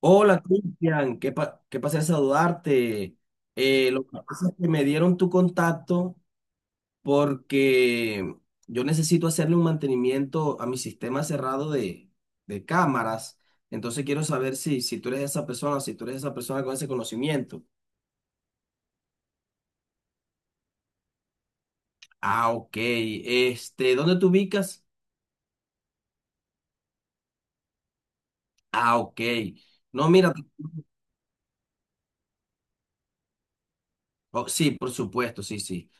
Hola, Cristian, qué pasé a saludarte. Lo que pasa es que me dieron tu contacto porque yo necesito hacerle un mantenimiento a mi sistema cerrado de cámaras. Entonces quiero saber si tú eres esa persona, si tú eres esa persona con ese conocimiento. Ah, ok. Este, ¿dónde te ubicas? Ah, ok. No, mira, oh, sí, por supuesto, sí, sí.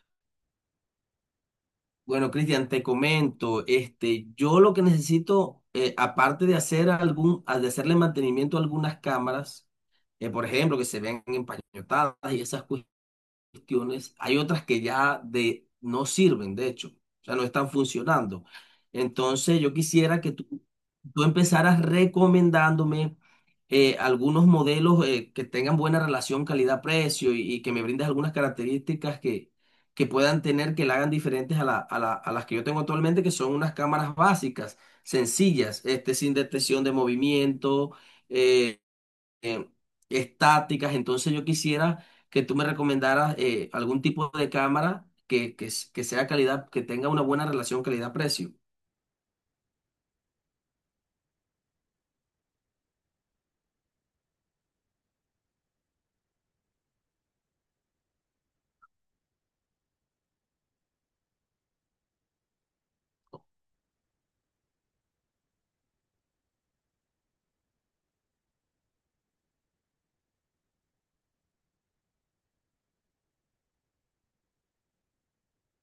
Bueno, Cristian, te comento, este, yo lo que necesito, aparte de hacer de hacerle mantenimiento a algunas cámaras, por ejemplo, que se vean empañotadas y esas cuestiones, hay otras que ya no sirven, de hecho, o sea, no están funcionando. Entonces, yo quisiera que tú empezaras recomendándome algunos modelos que tengan buena relación calidad-precio y que me brindes algunas características que puedan tener, que la hagan diferentes a las que yo tengo actualmente, que son unas cámaras básicas, sencillas, este, sin detección de movimiento. eh, eh, Estáticas. Entonces yo quisiera que tú me recomendaras algún tipo de cámara que sea calidad, que tenga una buena relación calidad-precio.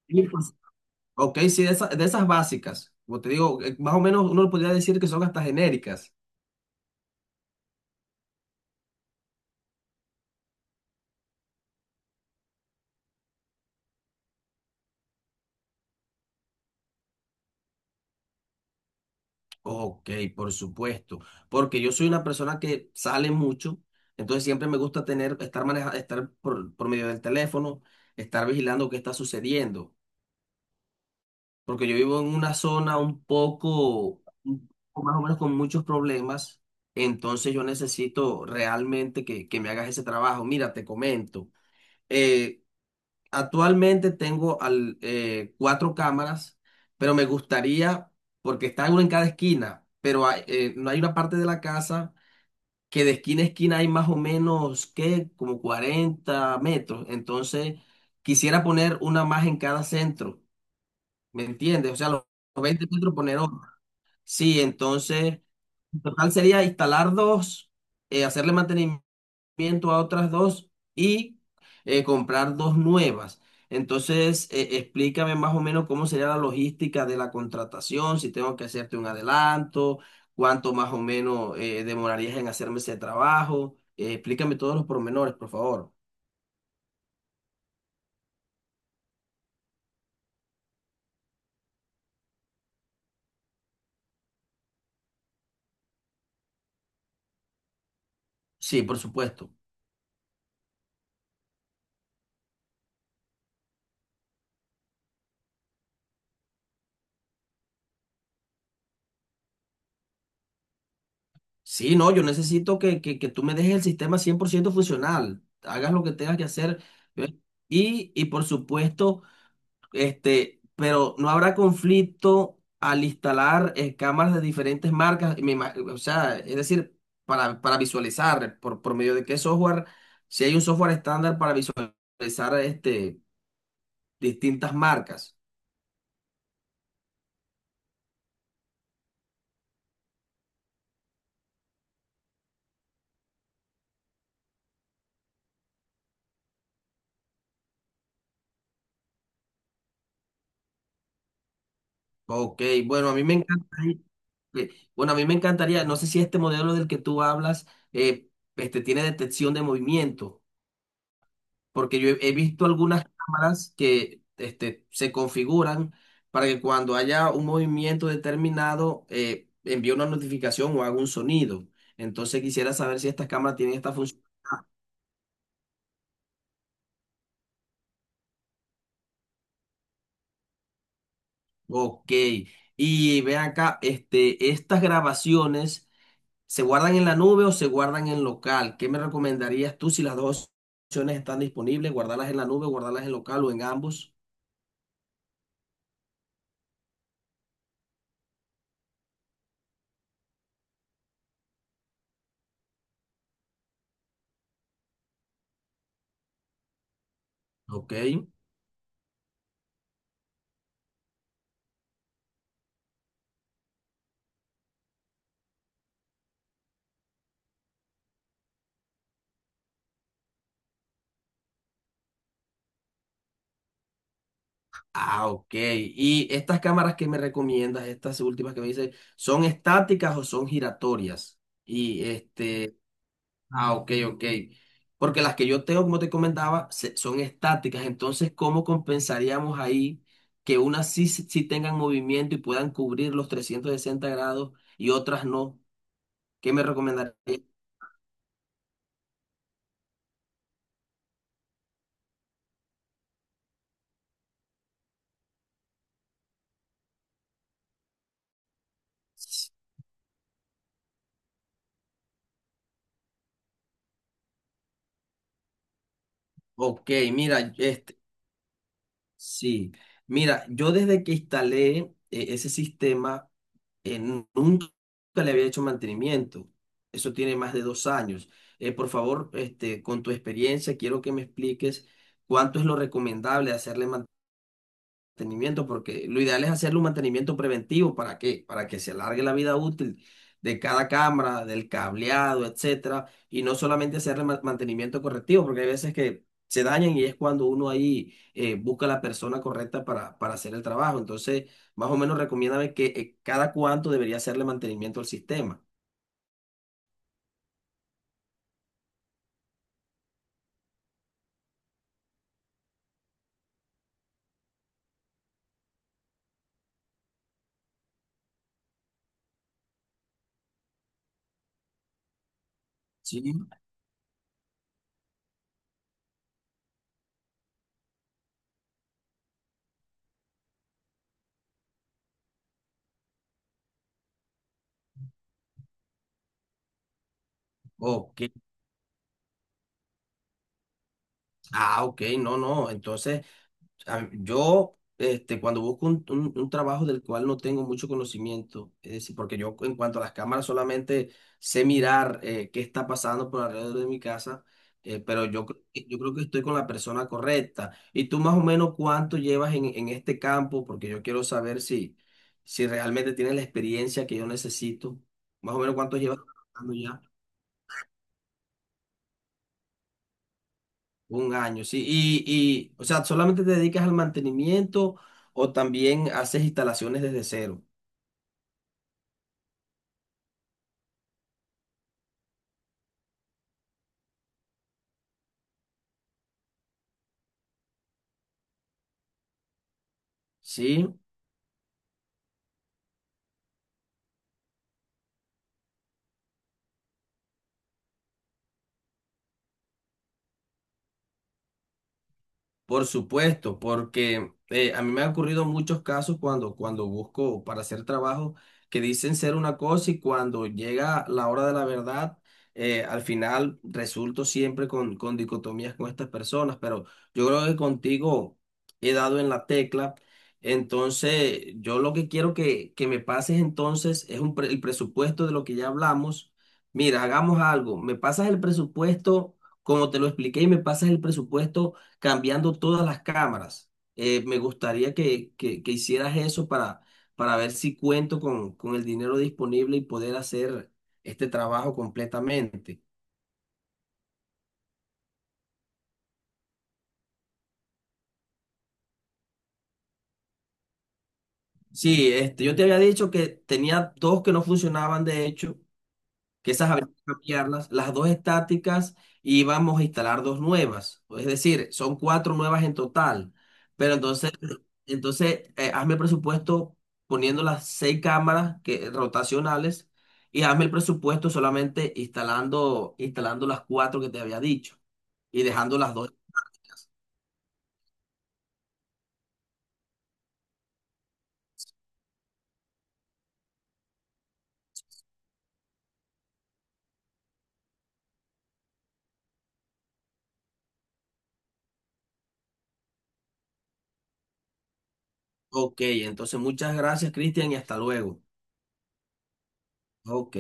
Sí, pues. Ok, sí, de esas básicas. Como te digo, más o menos uno podría decir que son hasta genéricas. Ok, por supuesto. Porque yo soy una persona que sale mucho, entonces siempre me gusta tener, estar manejando, estar por medio del teléfono, estar vigilando qué está sucediendo. Porque yo vivo en una zona un poco más o menos con muchos problemas, entonces yo necesito realmente que me hagas ese trabajo. Mira, te comento, eh, actualmente tengo cuatro cámaras, pero me gustaría, porque está uno en cada esquina, pero no hay una parte de la casa que de esquina a esquina hay más o menos, ¿qué? Como 40 metros, entonces quisiera poner una más en cada centro. ¿Me entiendes? O sea, los 20 metros poner otro. Sí, entonces, en total sería instalar dos, hacerle mantenimiento a otras dos y comprar dos nuevas. Entonces, explícame más o menos cómo sería la logística de la contratación, si tengo que hacerte un adelanto, cuánto más o menos demorarías en hacerme ese trabajo. Explícame todos los pormenores, por favor. Sí, por supuesto. Sí, no, yo necesito que que tú me dejes el sistema 100% funcional, hagas lo que tengas que hacer. ¿Ve? Y por supuesto, este, pero no habrá conflicto al instalar cámaras de diferentes marcas, o sea, es decir, para visualizar por medio de qué software, si hay un software estándar para visualizar este, distintas marcas. Ok, bueno, a mí me encanta. Eh, Bueno, a mí me encantaría, no sé si este modelo del que tú hablas eh, este, tiene detección de movimiento, porque yo he visto algunas cámaras que este, se configuran para que cuando haya un movimiento determinado envíe una notificación o haga un sonido. Entonces quisiera saber si estas cámaras tienen esta función. Ok. Y ve acá, este, estas grabaciones. ¿Se guardan en la nube o se guardan en local? ¿Qué me recomendarías tú si las dos opciones están disponibles? ¿Guardarlas en la nube, guardarlas en local o en ambos? Ok. Ah, ok. ¿Y estas cámaras que me recomiendas, estas últimas que me dices, son estáticas o son giratorias? Y este, ah, ok, ok. Porque las que yo tengo, como te comentaba, son estáticas. Entonces, ¿cómo compensaríamos ahí que unas sí, sí tengan movimiento y puedan cubrir los 360 grados y otras no? ¿Qué me recomendarías? Ok, mira, este, sí. Mira, yo desde que instalé ese sistema, nunca le había hecho mantenimiento. Eso tiene más de 2 años. Por favor, este, con tu experiencia, quiero que me expliques cuánto es lo recomendable hacerle mantenimiento, porque lo ideal es hacerle un mantenimiento preventivo. ¿Para qué? Para que se alargue la vida útil de cada cámara, del cableado, etcétera, y no solamente hacerle mantenimiento correctivo, porque hay veces que se dañan y es cuando uno ahí busca la persona correcta para hacer el trabajo. Entonces, más o menos recomiéndame que cada cuánto debería hacerle mantenimiento al sistema. Sí. Ok. Ah, ok, no, no. Entonces. Yo, este, cuando busco un trabajo del cual no tengo mucho conocimiento, es decir, porque yo en cuanto a las cámaras solamente sé mirar qué está pasando por alrededor de mi casa, pero yo creo que estoy con la persona correcta. ¿Y tú más o menos cuánto llevas en este campo? Porque yo quiero saber si, si realmente tienes la experiencia que yo necesito. Más o menos cuánto llevas trabajando ya. Un año, sí. Y, o sea, ¿solamente te dedicas al mantenimiento o también haces instalaciones desde cero? Sí. Por supuesto, porque a mí me han ocurrido muchos casos cuando, cuando busco para hacer trabajo que dicen ser una cosa y cuando llega la hora de la verdad, al final resulto siempre con dicotomías con estas personas, pero yo creo que contigo he dado en la tecla. Entonces, yo lo que quiero que me pases entonces es un el presupuesto de lo que ya hablamos. Mira, hagamos algo. Me pasas el presupuesto como te lo expliqué y me pasas el presupuesto cambiando todas las cámaras. Me gustaría que, que hicieras eso para ver si cuento con el dinero disponible y poder hacer este trabajo completamente. Sí, este, yo te había dicho que tenía dos que no funcionaban, de hecho, piezas habría que cambiarlas, las dos estáticas y vamos a instalar dos nuevas. Es decir, son cuatro nuevas en total. Pero entonces, entonces hazme el presupuesto poniendo las seis cámaras rotacionales y hazme el presupuesto solamente instalando las cuatro que te había dicho y dejando las dos. Ok, entonces muchas gracias, Cristian, y hasta luego. Ok.